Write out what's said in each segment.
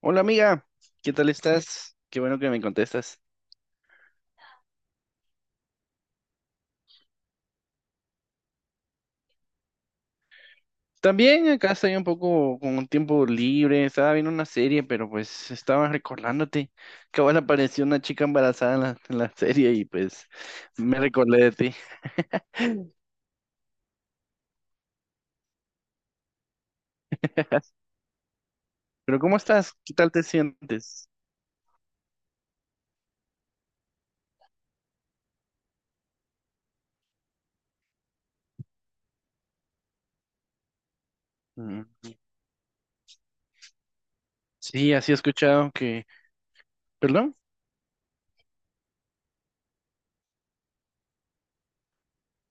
Hola amiga, ¿qué tal estás? Qué bueno que me contestas. También acá estoy un poco con un tiempo libre, estaba viendo una serie, pero pues estaba recordándote que ahora apareció una chica embarazada en la serie y pues me recordé de ti. Pero ¿cómo estás? ¿Qué tal te sientes? Mm, sí, así he escuchado que... ¿Perdón?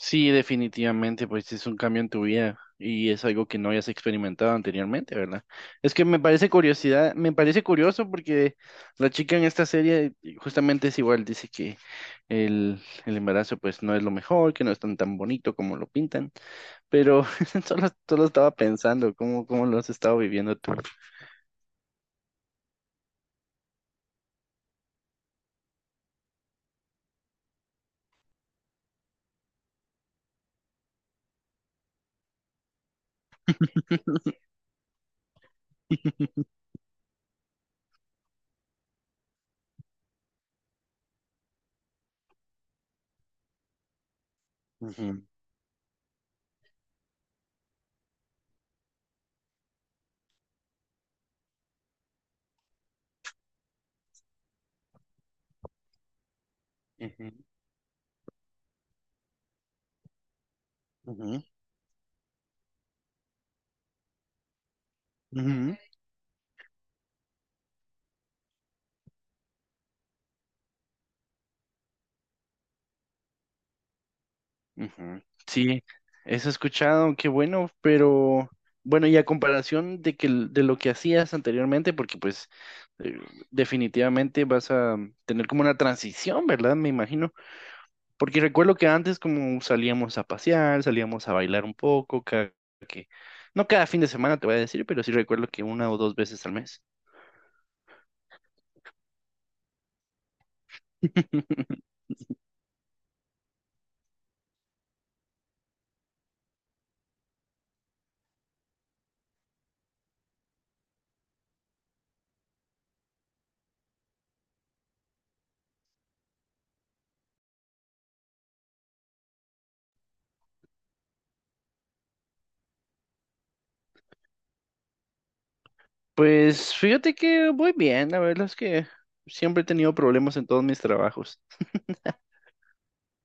Sí, definitivamente, pues es un cambio en tu vida y es algo que no hayas experimentado anteriormente, ¿verdad? Es que me parece curiosidad, me parece curioso porque la chica en esta serie justamente es igual, dice que el, el embarazo pues no es lo mejor, que no es tan tan bonito como lo pintan, pero solo estaba pensando cómo lo has estado viviendo tú. Ujú, ujú, ujú, ujú. Ujú. Sí, eso he escuchado, qué bueno, pero bueno, y a comparación de que de lo que hacías anteriormente, porque pues eh, definitivamente vas a tener como una transición, ¿verdad? Me imagino, porque recuerdo que antes como salíamos a pasear, salíamos a bailar un poco, cada que no cada fin de semana te voy a decir, pero sí recuerdo que 1 o 2 veces al mes. Pues fíjate que voy bien, la verdad es que siempre he tenido problemas en todos mis trabajos.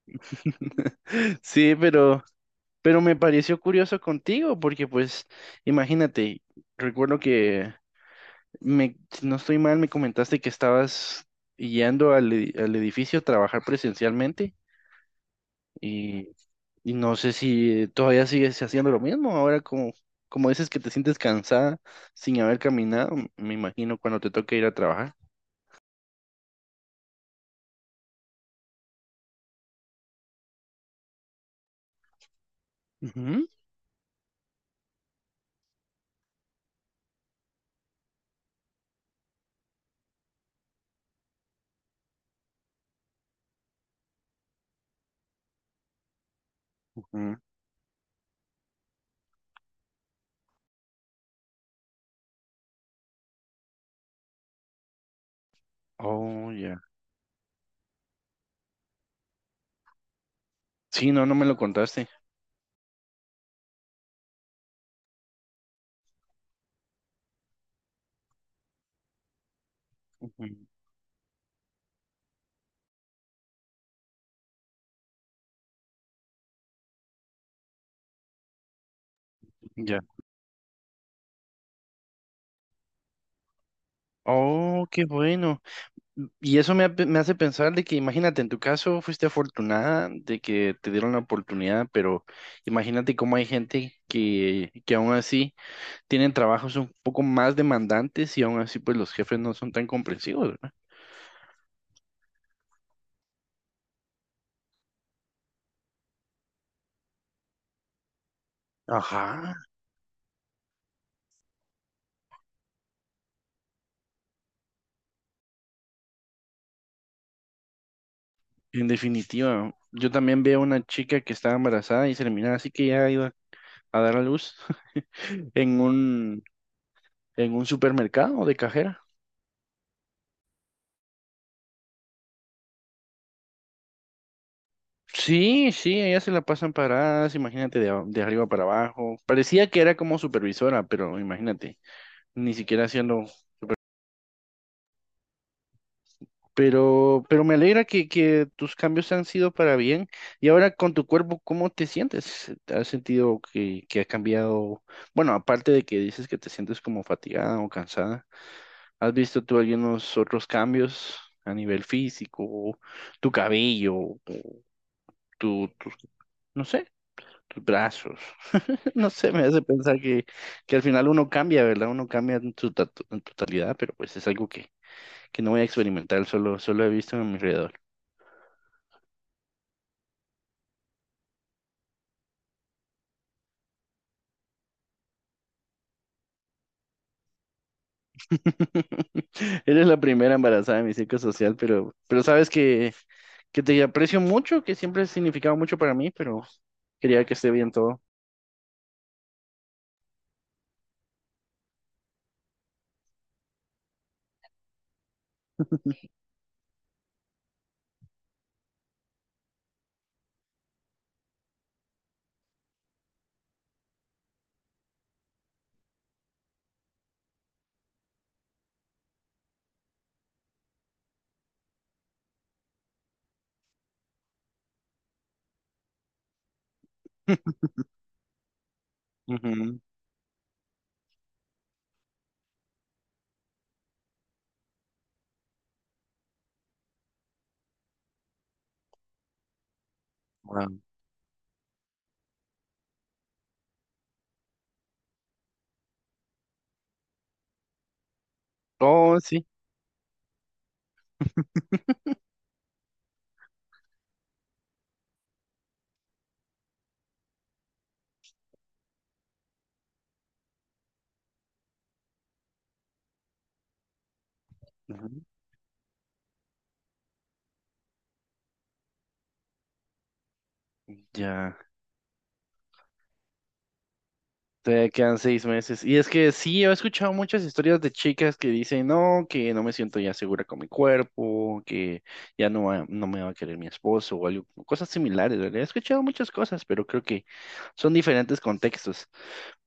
Sí, pero me pareció curioso contigo, porque pues, imagínate, recuerdo que me, si no estoy mal, me comentaste que estabas yendo al, al edificio a trabajar presencialmente y, y no sé si todavía sigues haciendo lo mismo. Ahora como, como dices que te sientes cansada sin haber caminado, me imagino cuando te toque ir a trabajar. Ujú, ujú. Oh, ya. Sí, no, no me lo contaste. Ujú, ya. Oh, qué bueno. Y eso me, me hace pensar de que, imagínate, en tu caso fuiste afortunada de que te dieron la oportunidad, pero imagínate cómo hay gente que aún así tienen trabajos un poco más demandantes y aún así pues los jefes no son tan comprensivos, ¿verdad? Ajá. En definitiva, yo también veo una chica que estaba embarazada y se le miraba así que ya iba a dar a luz en un, en un supermercado de cajera. Sí, sí, ellas se la pasan paradas, imagínate, de, de arriba para abajo. Parecía que era como supervisora, pero imagínate, ni siquiera haciendo. Pero me alegra que tus cambios han sido para bien. Y ahora con tu cuerpo, ¿cómo te sientes? ¿Has sentido que ha cambiado? Bueno, aparte de que dices que te sientes como fatigada o cansada, ¿has visto tú algunos otros cambios a nivel físico, tu cabello, tu, tus, no sé, tus brazos? No sé, me hace pensar que al final uno cambia, ¿verdad? Uno cambia en su en totalidad, pero pues es algo que no voy a experimentar, solo, solo he visto a mi alrededor. Eres la primera embarazada de mi círculo social, pero sabes que te aprecio mucho, que siempre has significado mucho para mí, pero quería que esté bien todo. Ujú. Wow. Oh, sí. Ujú. Ya. Te quedan 6 meses. Y es que sí, he escuchado muchas historias de chicas que dicen, no, que no me siento ya segura con mi cuerpo, que ya no, no me va a querer mi esposo o algo, cosas similares, ¿verdad? He escuchado muchas cosas, pero creo que son diferentes contextos.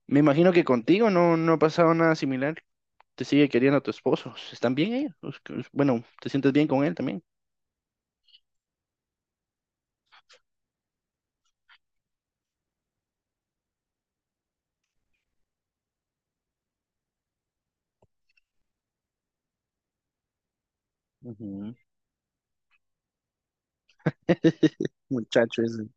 Me imagino que contigo no, no ha pasado nada similar. Te sigue queriendo tu esposo. ¿Están bien ellos? Pues, bueno, ¿te sientes bien con él también? Ujú, muchacho ese.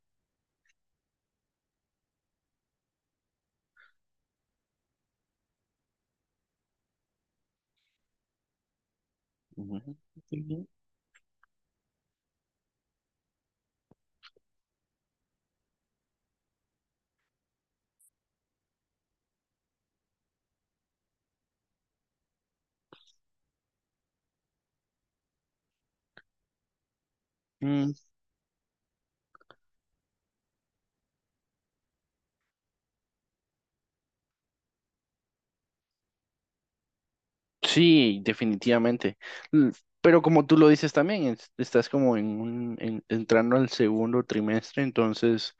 Ujú. Sí, definitivamente. L- Pero como tú lo dices también, estás como en un, entrando al segundo trimestre, entonces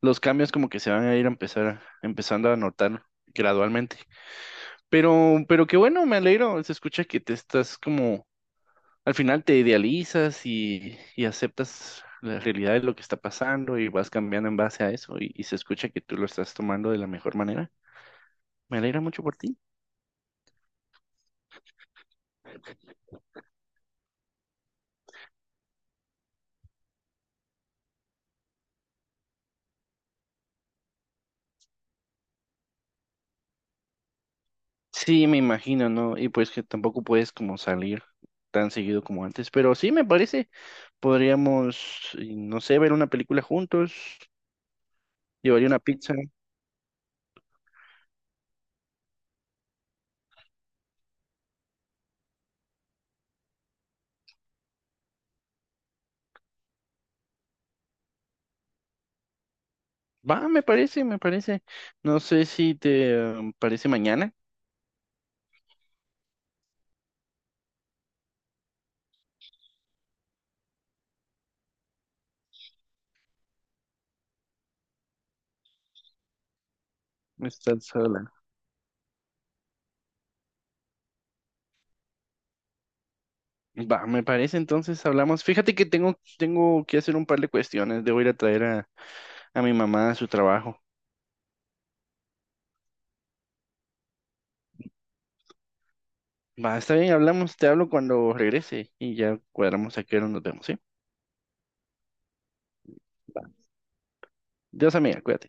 los cambios como que se van a ir a empezar, empezando a notar gradualmente. Pero qué bueno, me alegro. Se escucha que te estás como, al final te idealizas y aceptas la realidad de lo que está pasando y vas cambiando en base a eso y se escucha que tú lo estás tomando de la mejor manera. Me alegra mucho por ti. Sí, me imagino, ¿no? Y pues que tampoco puedes como salir tan seguido como antes, pero sí me parece, podríamos, y no sé, ver una película juntos, llevaría una pizza. Va, me parece, me parece. No sé si te parece mañana. Estás sola. Va, me parece, entonces hablamos. Fíjate que tengo, tengo que hacer un par de cuestiones. Debo ir a traer a mi mamá a su trabajo. Va, está bien, hablamos, te hablo cuando regrese y ya cuadramos a qué hora nos vemos, ¿sí? Va. Dios amiga, cuídate.